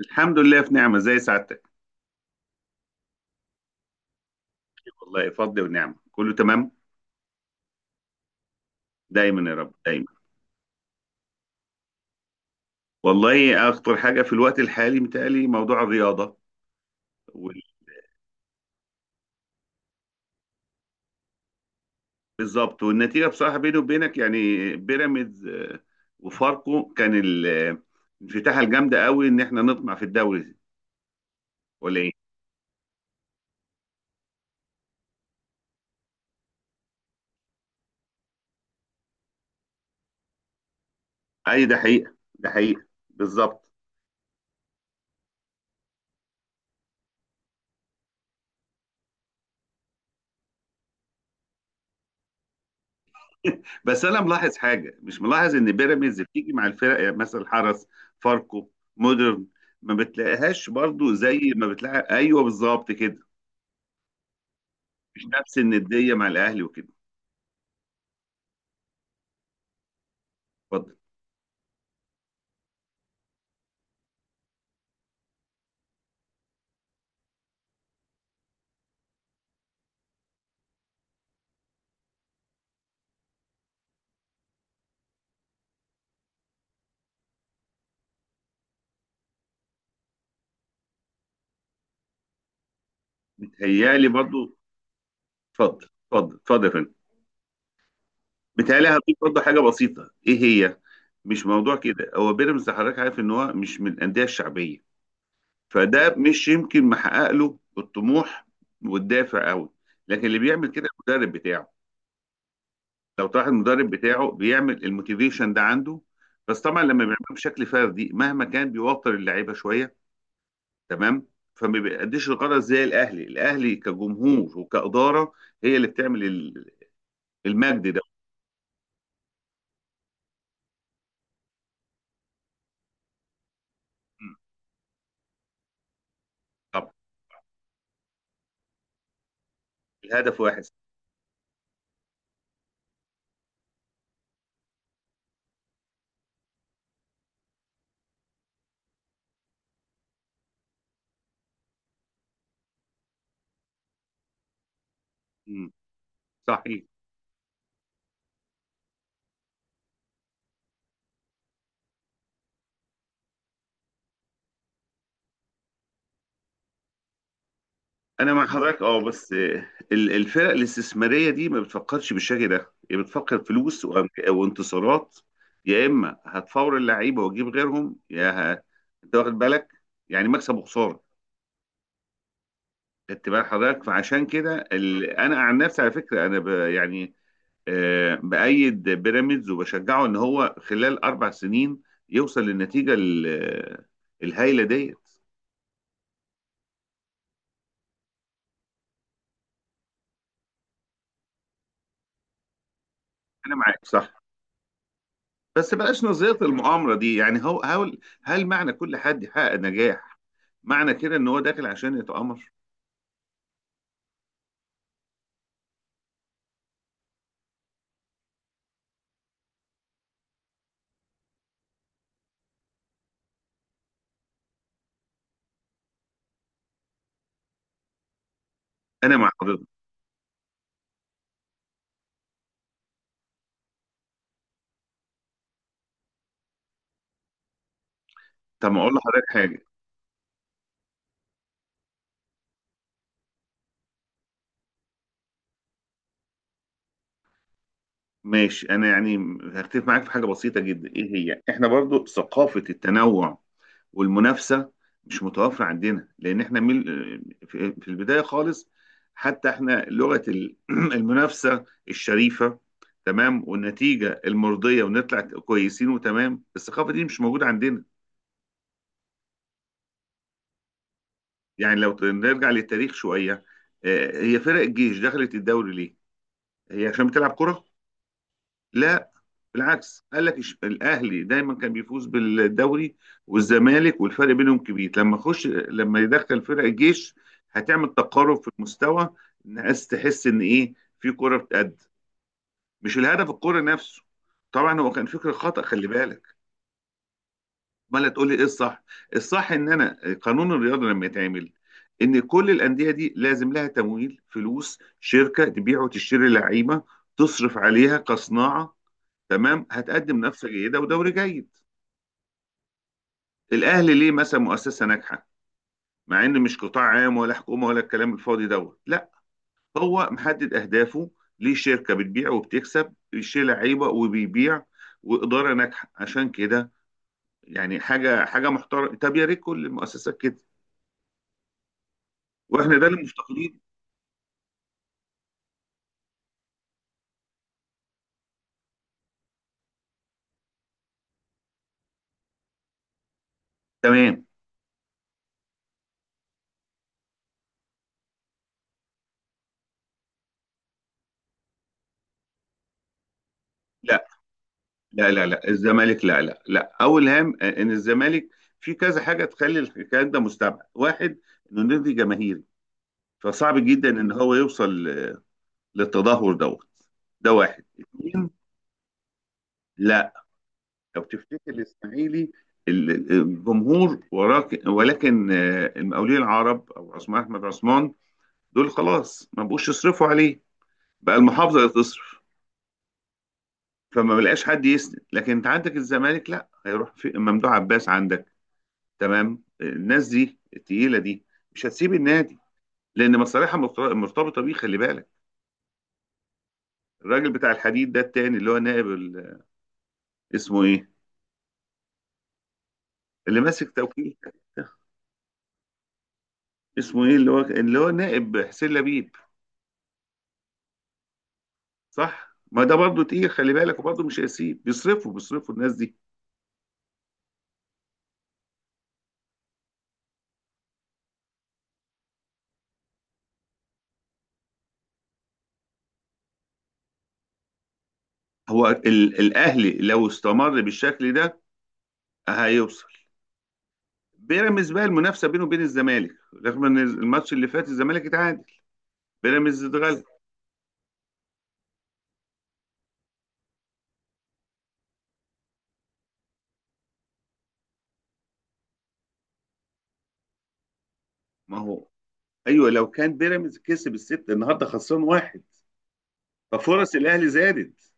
الحمد لله، في نعمة زي سعادتك. والله فضل ونعمة، كله تمام. دايما يا رب دايما. والله أخطر حاجة في الوقت الحالي متهيألي موضوع الرياضة. وال- بالظبط، والنتيجة بصراحة بيني وبينك يعني بيراميدز وفاركو كان الانفتاحة الجامدة قوي إن إحنا نطمع في الدوري ولا إيه؟ أي ده حقيقة، ده حقيقة. بالظبط. بس انا ملاحظ حاجه، مش ملاحظ ان بيراميدز بتيجي مع الفرق، يعني مثلا حرس، فاركو، مودرن، ما بتلاقيهاش برضو زي ما بتلاقي. ايوه بالظبط كده، مش نفس النديه مع الاهلي وكده. اتفضل. متهيالي برضو. اتفضل اتفضل اتفضل يا فندم. متهيالي هضيف برضو حاجه بسيطه، ايه هي؟ مش موضوع كده، هو بيراميدز حضرتك عارف ان هو مش من الانديه الشعبيه، فده مش يمكن محقق له الطموح والدافع قوي، لكن اللي بيعمل كده المدرب بتاعه. لو تلاحظ المدرب بتاعه بيعمل الموتيفيشن ده عنده، بس طبعا لما بيعمله بشكل فردي مهما كان بيوتر اللعيبه شويه. تمام. فما بيأديش الغرض زي الاهلي. الاهلي كجمهور وكاداره هي اللي بتعمل المجد ده. مم. طب. الهدف واحد. مم. صحيح. انا مع حضرتك، اه، بس الفرق الاستثماريه دي ما بتفكرش بالشكل ده، هي بتفكر فلوس وانتصارات. يا اما هتفور اللعيبه وتجيب غيرهم انت واخد بالك؟ يعني مكسب وخساره. خدت بال حضرتك، فعشان كده انا عن نفسي، على فكره، يعني بأيد بيراميدز وبشجعه ان هو خلال اربع سنين يوصل للنتيجه الهائله ديت. انا معاك صح، بس بلاش نظريه المؤامره دي. يعني هو هل، هل معنى كل حد يحقق نجاح معنى كده ان هو داخل عشان يتآمر؟ انا مع حضرتك. طب ما اقول لحضرتك حاجه. ماشي، انا يعني هختلف معاك في حاجه بسيطه جدا، ايه هي؟ احنا برضو ثقافه التنوع والمنافسه مش متوفره عندنا، لان احنا من، في في البدايه خالص حتى احنا لغه المنافسه الشريفه، تمام، والنتيجه المرضيه، ونطلع كويسين وتمام، الثقافه دي مش موجوده عندنا. يعني لو نرجع للتاريخ شويه، هي فرق الجيش دخلت الدوري ليه؟ هي عشان بتلعب كره؟ لا، بالعكس. قال لك الاهلي دايما كان بيفوز بالدوري والزمالك، والفرق بينهم كبير. لما اخش لما يدخل فرق الجيش هتعمل تقارب في المستوى. الناس تحس ان ايه؟ في كرة بتقد، مش الهدف الكرة نفسه. طبعا هو كان فكر خطأ، خلي بالك. امال تقول لي ايه الصح؟ الصح ان انا قانون الرياضة لما يتعمل، ان كل الاندية دي لازم لها تمويل، فلوس، شركة تبيع وتشتري لعيبة، تصرف عليها كصناعة، تمام، هتقدم منافسه جيده ودوري جيد. الاهلي ليه مثلا مؤسسه ناجحه مع ان مش قطاع عام ولا حكومه ولا الكلام الفاضي دوت؟ لا، هو محدد اهدافه، ليه شركه بتبيع وبتكسب، ليه لعيبه وبيبيع، واداره ناجحه، عشان كده يعني حاجه حاجه محترمه. طب يا ريت كل المؤسسات كده. واحنا ده اللي مفتقدين. تمام. لا لا لا لا، الزمالك لا لا لا. اول هام ان الزمالك في كذا حاجه تخلي الكلام ده مستبعد. واحد، انه نادي جماهيري، فصعب جدا ان هو يوصل للتدهور دوت، ده واحد. اثنين، لا. لو تفتكر الاسماعيلي، الجمهور وراك، ولكن المقاولين العرب او عثمان احمد عثمان دول خلاص ما بقوش يصرفوا عليه، بقى المحافظه اللي تصرف، فما بلقاش حد يسند. لكن انت عندك الزمالك، لا، هيروح في ممدوح عباس عندك، تمام، الناس دي التقيله دي مش هتسيب النادي، لان مرتبطه بيه، خلي بالك. الراجل بتاع الحديد ده التاني، اللي هو نائب اسمه ايه، اللي ماسك توكيل، اسمه ايه، اللي هو نائب حسين لبيب، صح؟ ما ده برضه تقيل، خلي بالك، وبرضه مش هيسيب، بيصرفوا، بيصرفوا الناس دي. هو الاهلي لو استمر بالشكل ده هيوصل. بيراميدز بقى المنافسه بينه وبين الزمالك، رغم ان الماتش اللي فات الزمالك اتعادل، بيراميدز اتغلب. ما هو ايوه، لو كان بيراميدز كسب الست النهارده خسران واحد، ففرص الاهلي زادت.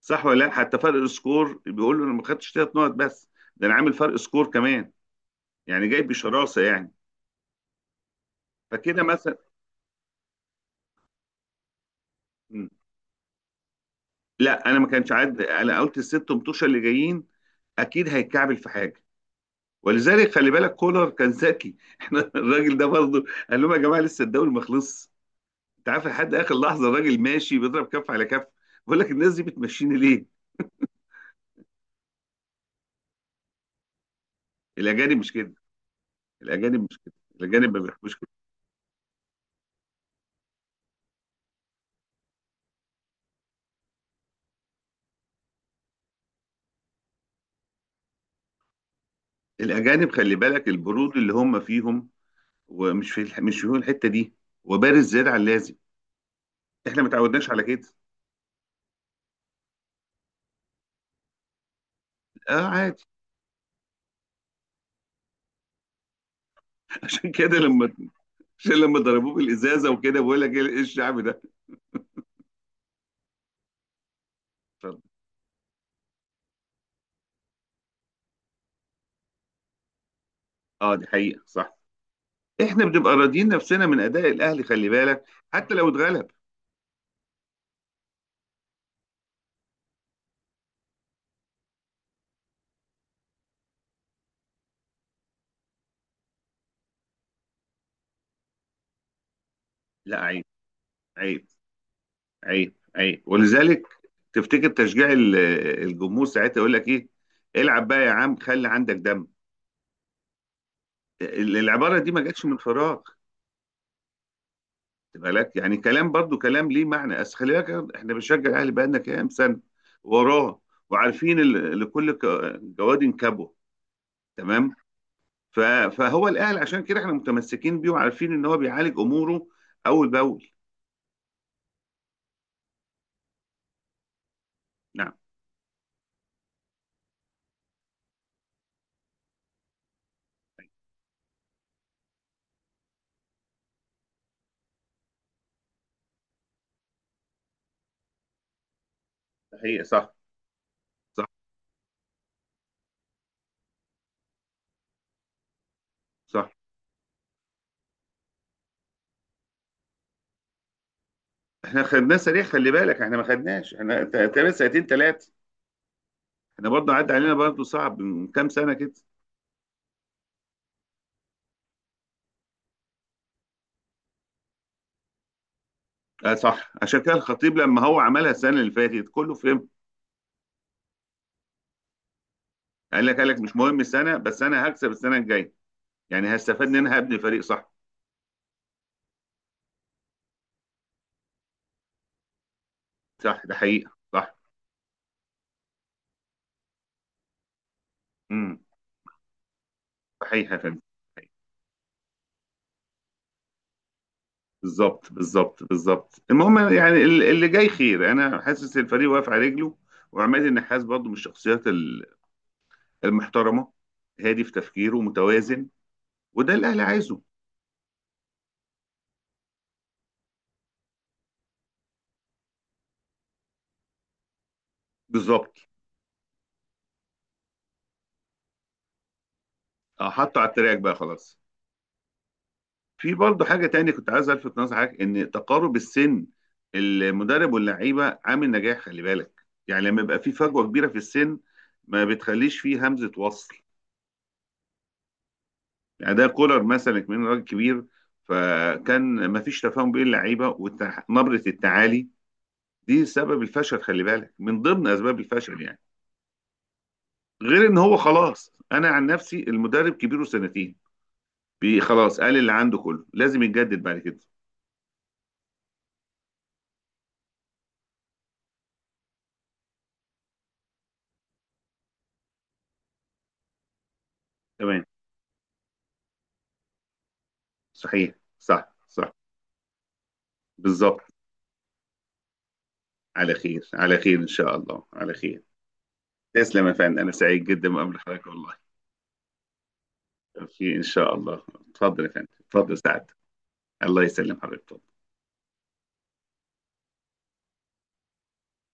صح ولا لا؟ حتى فرق السكور بيقول له انا ما خدتش ثلاث نقط بس، ده انا عامل فرق سكور كمان، يعني جاي بشراسه يعني، فكده مثلا. م. لا، انا ما كانش عاد، انا قلت الست متوشه اللي جايين اكيد هيتكعبل في حاجه. ولذلك خلي بالك كولر كان ذكي. احنا الراجل ده برضه قال لهم يا جماعه لسه الدوري ما خلصش. انت عارف، لحد اخر لحظه الراجل ماشي بيضرب كف على كف، بقول لك الناس دي بتمشيني ليه؟ الاجانب مش كده. الاجانب مش كده. الاجانب ما بيحبوش كده. الاجانب خلي بالك البرود اللي هم فيهم، ومش في مش فيهم الحته دي، وبارز زياده عن اللازم، احنا ما تعودناش على كده. اه عادي. عشان كده لما، عشان لما ضربوه بالازازه وكده بقول لك ايه، إيه الشعب ده. اتفضل. اه دي حقيقه، صح. احنا بنبقى راضيين نفسنا من اداء الاهلي، خلي بالك، حتى لو اتغلب. لا عيب، عيب، عيب، عيب. ولذلك تفتكر تشجيع الجمهور ساعتها يقول لك ايه؟ العب بقى يا عم، خلي عندك دم. العباره دي ما جاتش من فراغ، خد بالك، يعني كلام، برضو كلام ليه معنى. بس خلي بالك، احنا بنشجع الاهلي بقالنا كام سنه وراه، وعارفين جواد كبوه، تمام. ف- فهو الاهل، عشان كده احنا متمسكين بيه، وعارفين ان هو بيعالج اموره اول باول. نعم، ده حقيقة، صح صح صح. احنا خدناه سريع، خلي بالك، احنا ما خدناش، احنا تقريبا سنتين ثلاثه. احنا برضه عدى علينا، برضه صعب، من كام سنه كده. اه صح، عشان كده الخطيب لما هو عملها السنه اللي فاتت كله فهم. قال لك، قال لك مش مهم السنه، بس انا هكسب السنه الجايه، يعني هستفاد منها، هبني فريق، صح. صح ده حقيقه صح. امم. صحيح يا فندم. بالظبط بالظبط بالظبط. المهم يعني اللي جاي خير. انا حاسس الفريق واقف على رجله، وعماد النحاس برضه من الشخصيات المحترمه، هادي في تفكيره، متوازن، وده اللي الاهلي عايزه. بالظبط. حطه على التراك بقى خلاص. في برضه حاجه تانية كنت عايز الفت نظر حضرتك، ان تقارب السن المدرب واللعيبه عامل نجاح، خلي بالك. يعني لما يبقى في فجوه كبيره في السن ما بتخليش فيه همزه وصل. اداء كولر مثلا من راجل كبير، فكان ما فيش تفاهم بين اللعيبه، ونبره التعالي دي سبب الفشل خلي بالك، من ضمن اسباب الفشل يعني. غير ان هو خلاص، انا عن نفسي المدرب كبيره سنتين، بي خلاص، قال اللي عنده كله، لازم يتجدد بعد كده. تمام، صحيح صح صح. بالظبط. على خير، على خير ان شاء الله، على خير. تسلم يا فندم، انا سعيد جدا بمقابله حضرتك والله. في ان شاء الله. اتفضل يا فندم، اتفضل سعد. الله يسلم حضرتك.